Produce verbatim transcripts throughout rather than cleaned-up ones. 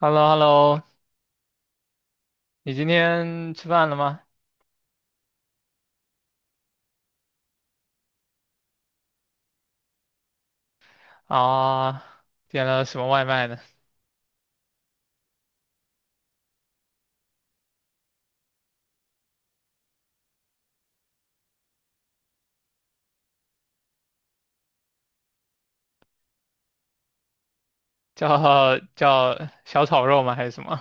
h e l l o h e l l o 你今天吃饭了吗？啊，点了什么外卖呢？叫叫小炒肉吗？还是什么？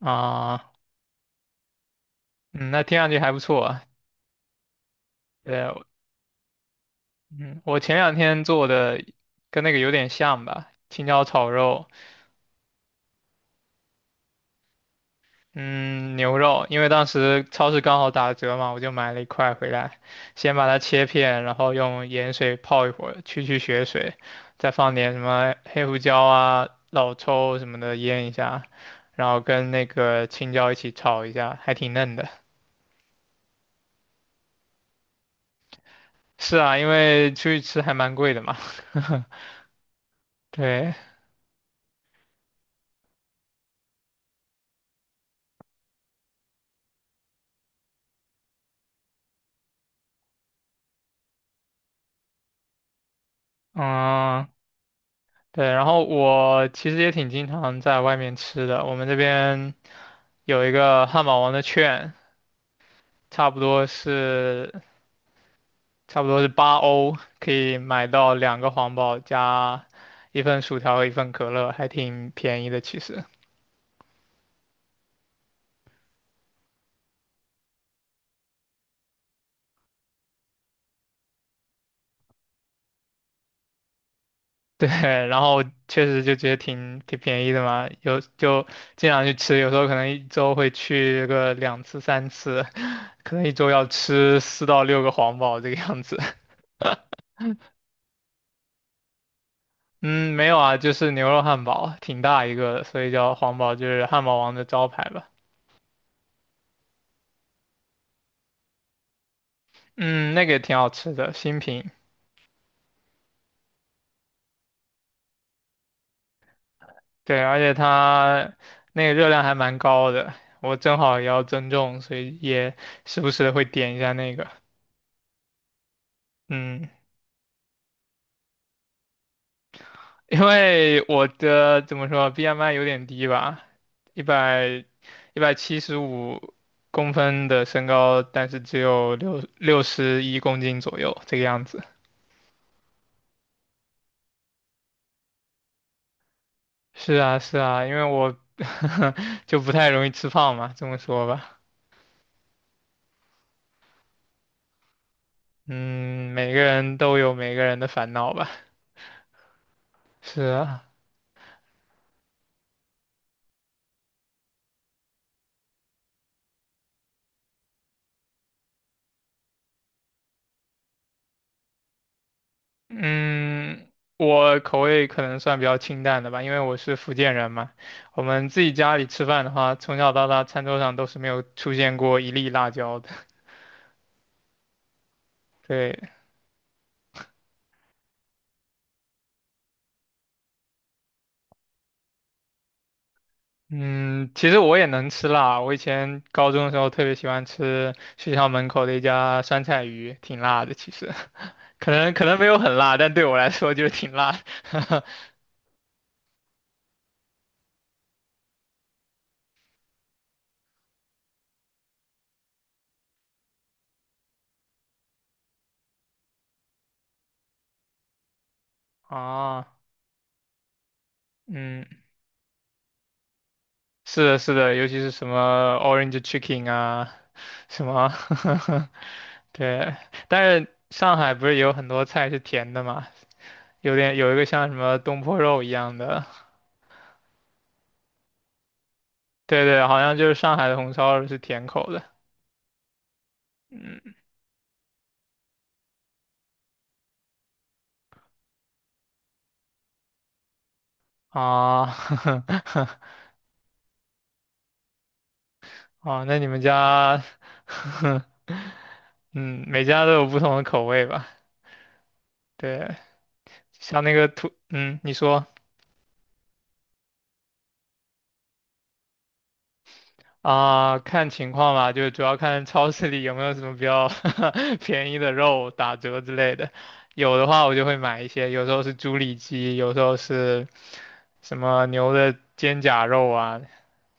啊，嗯，那听上去还不错啊。对，嗯，我前两天做的跟那个有点像吧，青椒炒肉，嗯，牛肉，因为当时超市刚好打折嘛，我就买了一块回来，先把它切片，然后用盐水泡一会儿，去去血水，再放点什么黑胡椒啊、老抽什么的腌一下。然后跟那个青椒一起炒一下，还挺嫩的。是啊，因为出去吃还蛮贵的嘛。对，嗯，对。然后我其实也挺经常在外面吃的。我们这边有一个汉堡王的券，差不多是差不多是八欧，可以买到两个皇堡加一份薯条和一份可乐，还挺便宜的其实。对，然后确实就觉得挺挺便宜的嘛，有就经常去吃，有时候可能一周会去个两次三次，可能一周要吃四到六个皇堡这个样子。嗯，没有啊，就是牛肉汉堡，挺大一个的，所以叫皇堡，就是汉堡王的招牌吧。嗯，那个也挺好吃的，新品。对，而且它那个热量还蛮高的，我正好也要增重，所以也时不时的会点一下那个。嗯。因为我的怎么说，B M I 有点低吧，一百一百七十五公分的身高，但是只有六六十一公斤左右这个样子。是啊，是啊，因为我 就不太容易吃胖嘛，这么说吧。嗯，每个人都有每个人的烦恼吧。是啊，嗯，我口味可能算比较清淡的吧，因为我是福建人嘛。我们自己家里吃饭的话，从小到大餐桌上都是没有出现过一粒辣椒的。对，嗯，其实我也能吃辣，我以前高中的时候特别喜欢吃学校门口的一家酸菜鱼，挺辣的。其实 可能可能没有很辣，但对我来说就是挺辣的。啊，嗯，是的，是的，尤其是什么 Orange Chicken 啊，什么，对，但是上海不是有很多菜是甜的嘛，有点有一个像什么东坡肉一样的，对对，好像就是上海的红烧肉是甜口的，嗯啊，啊，那你们家，嗯，每家都有不同的口味吧？对，像那个土，嗯，你说。啊，看情况吧，就是主要看超市里有没有什么比较 便宜的肉打折之类的。有的话，我就会买一些，有时候是猪里脊，有时候是什么牛的肩胛肉啊。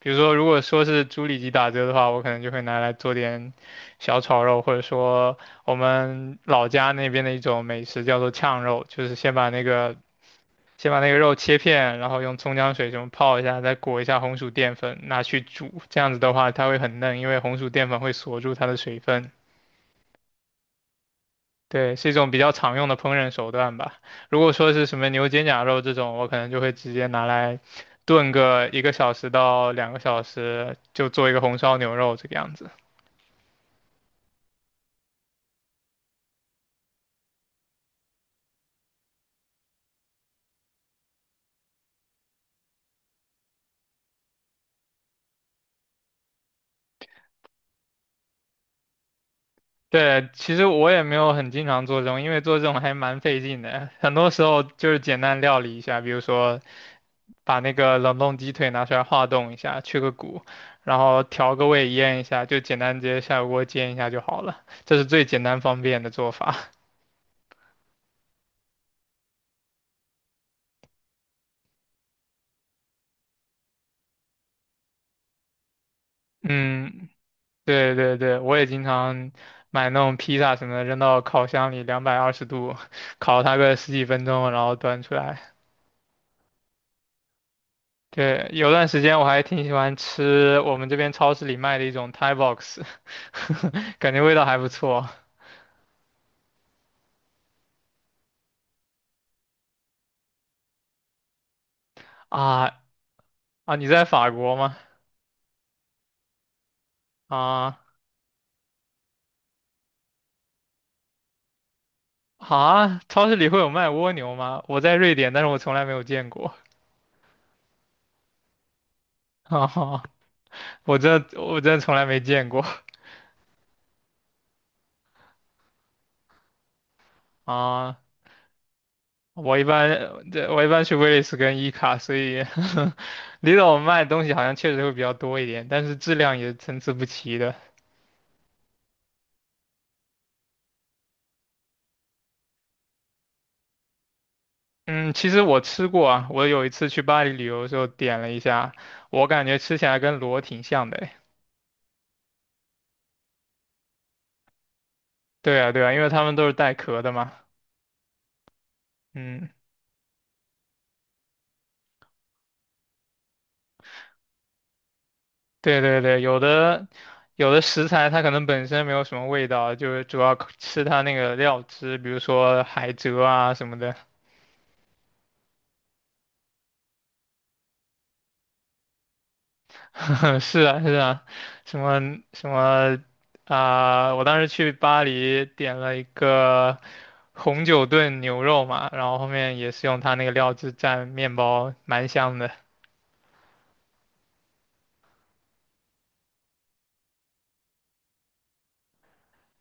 比如说，如果说是猪里脊打折的话，我可能就会拿来做点小炒肉，或者说我们老家那边的一种美食叫做炝肉，就是先把那个先把那个肉切片，然后用葱姜水什么泡一下，再裹一下红薯淀粉，拿去煮。这样子的话，它会很嫩，因为红薯淀粉会锁住它的水分。对，是一种比较常用的烹饪手段吧。如果说是什么牛肩胛肉这种，我可能就会直接拿来炖个一个小时到两个小时，就做一个红烧牛肉这个样子。对，其实我也没有很经常做这种，因为做这种还蛮费劲的。很多时候就是简单料理一下，比如说把那个冷冻鸡腿拿出来化冻一下，去个骨，然后调个味腌一下，就简单直接下锅煎一下就好了。这是最简单方便的做法。嗯，对对对，我也经常买那种披萨什么的，扔到烤箱里两百二十度，烤它个十几分钟，然后端出来。对，有段时间我还挺喜欢吃我们这边超市里卖的一种 Thai box，感觉味道还不错啊。啊！你在法国吗？啊。啊！超市里会有卖蜗牛吗？我在瑞典，但是我从来没有见过啊。 我真的我真的从来没见过啊！我一般对，我一般去威利斯跟伊卡，所以 离岛卖的东西好像确实会比较多一点，但是质量也参差不齐的。嗯，其实我吃过啊，我有一次去巴黎旅游的时候点了一下，我感觉吃起来跟螺挺像的诶。对啊，对啊，因为他们都是带壳的嘛。嗯，对对对，有的有的食材它可能本身没有什么味道，就是主要靠吃它那个料汁，比如说海蜇啊什么的。嗯，是啊，是啊，什么什么啊、我当时去巴黎点了一个红酒炖牛肉嘛，然后后面也是用它那个料汁蘸面包，蛮香的。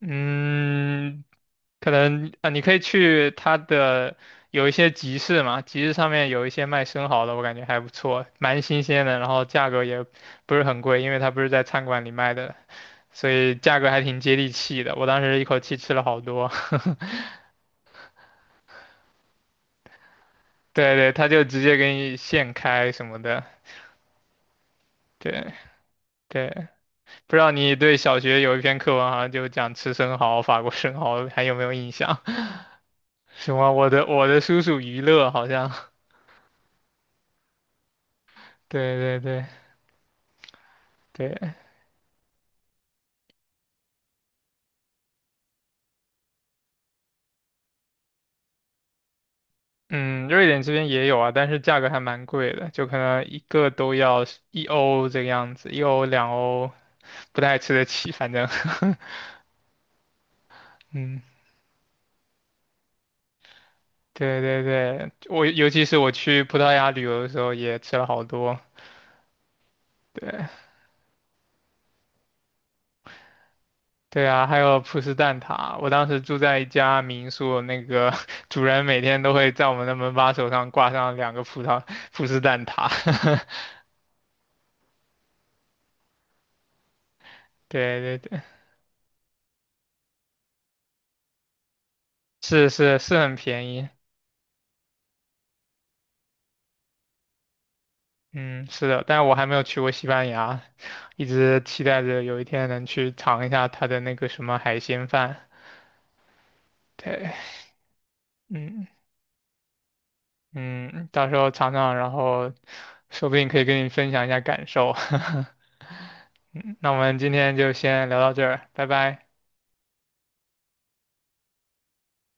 嗯，可能啊、你可以去它的有一些集市嘛，集市上面有一些卖生蚝的，我感觉还不错，蛮新鲜的，然后价格也不是很贵，因为它不是在餐馆里卖的，所以价格还挺接地气的。我当时一口气吃了好多。对对，他就直接给你现开什么的。对对，不知道你对小学有一篇课文，好像就讲吃生蚝，法国生蚝，还有没有印象？什么我的我的叔叔于勒，好像。对对对对，嗯，瑞典这边也有啊，但是价格还蛮贵的，就可能一个都要一欧这个样子，一欧两欧不太吃得起，反正，嗯，对对对，我尤其是我去葡萄牙旅游的时候也吃了好多，对。对啊，还有葡式蛋挞。我当时住在一家民宿，那个 主人每天都会在我们的门把手上挂上两个葡萄葡式蛋挞。对对对，是是是很便宜。嗯，是的，但我还没有去过西班牙，一直期待着有一天能去尝一下它的那个什么海鲜饭。对，嗯嗯，到时候尝尝，然后说不定可以跟你分享一下感受。嗯，那我们今天就先聊到这儿，拜拜。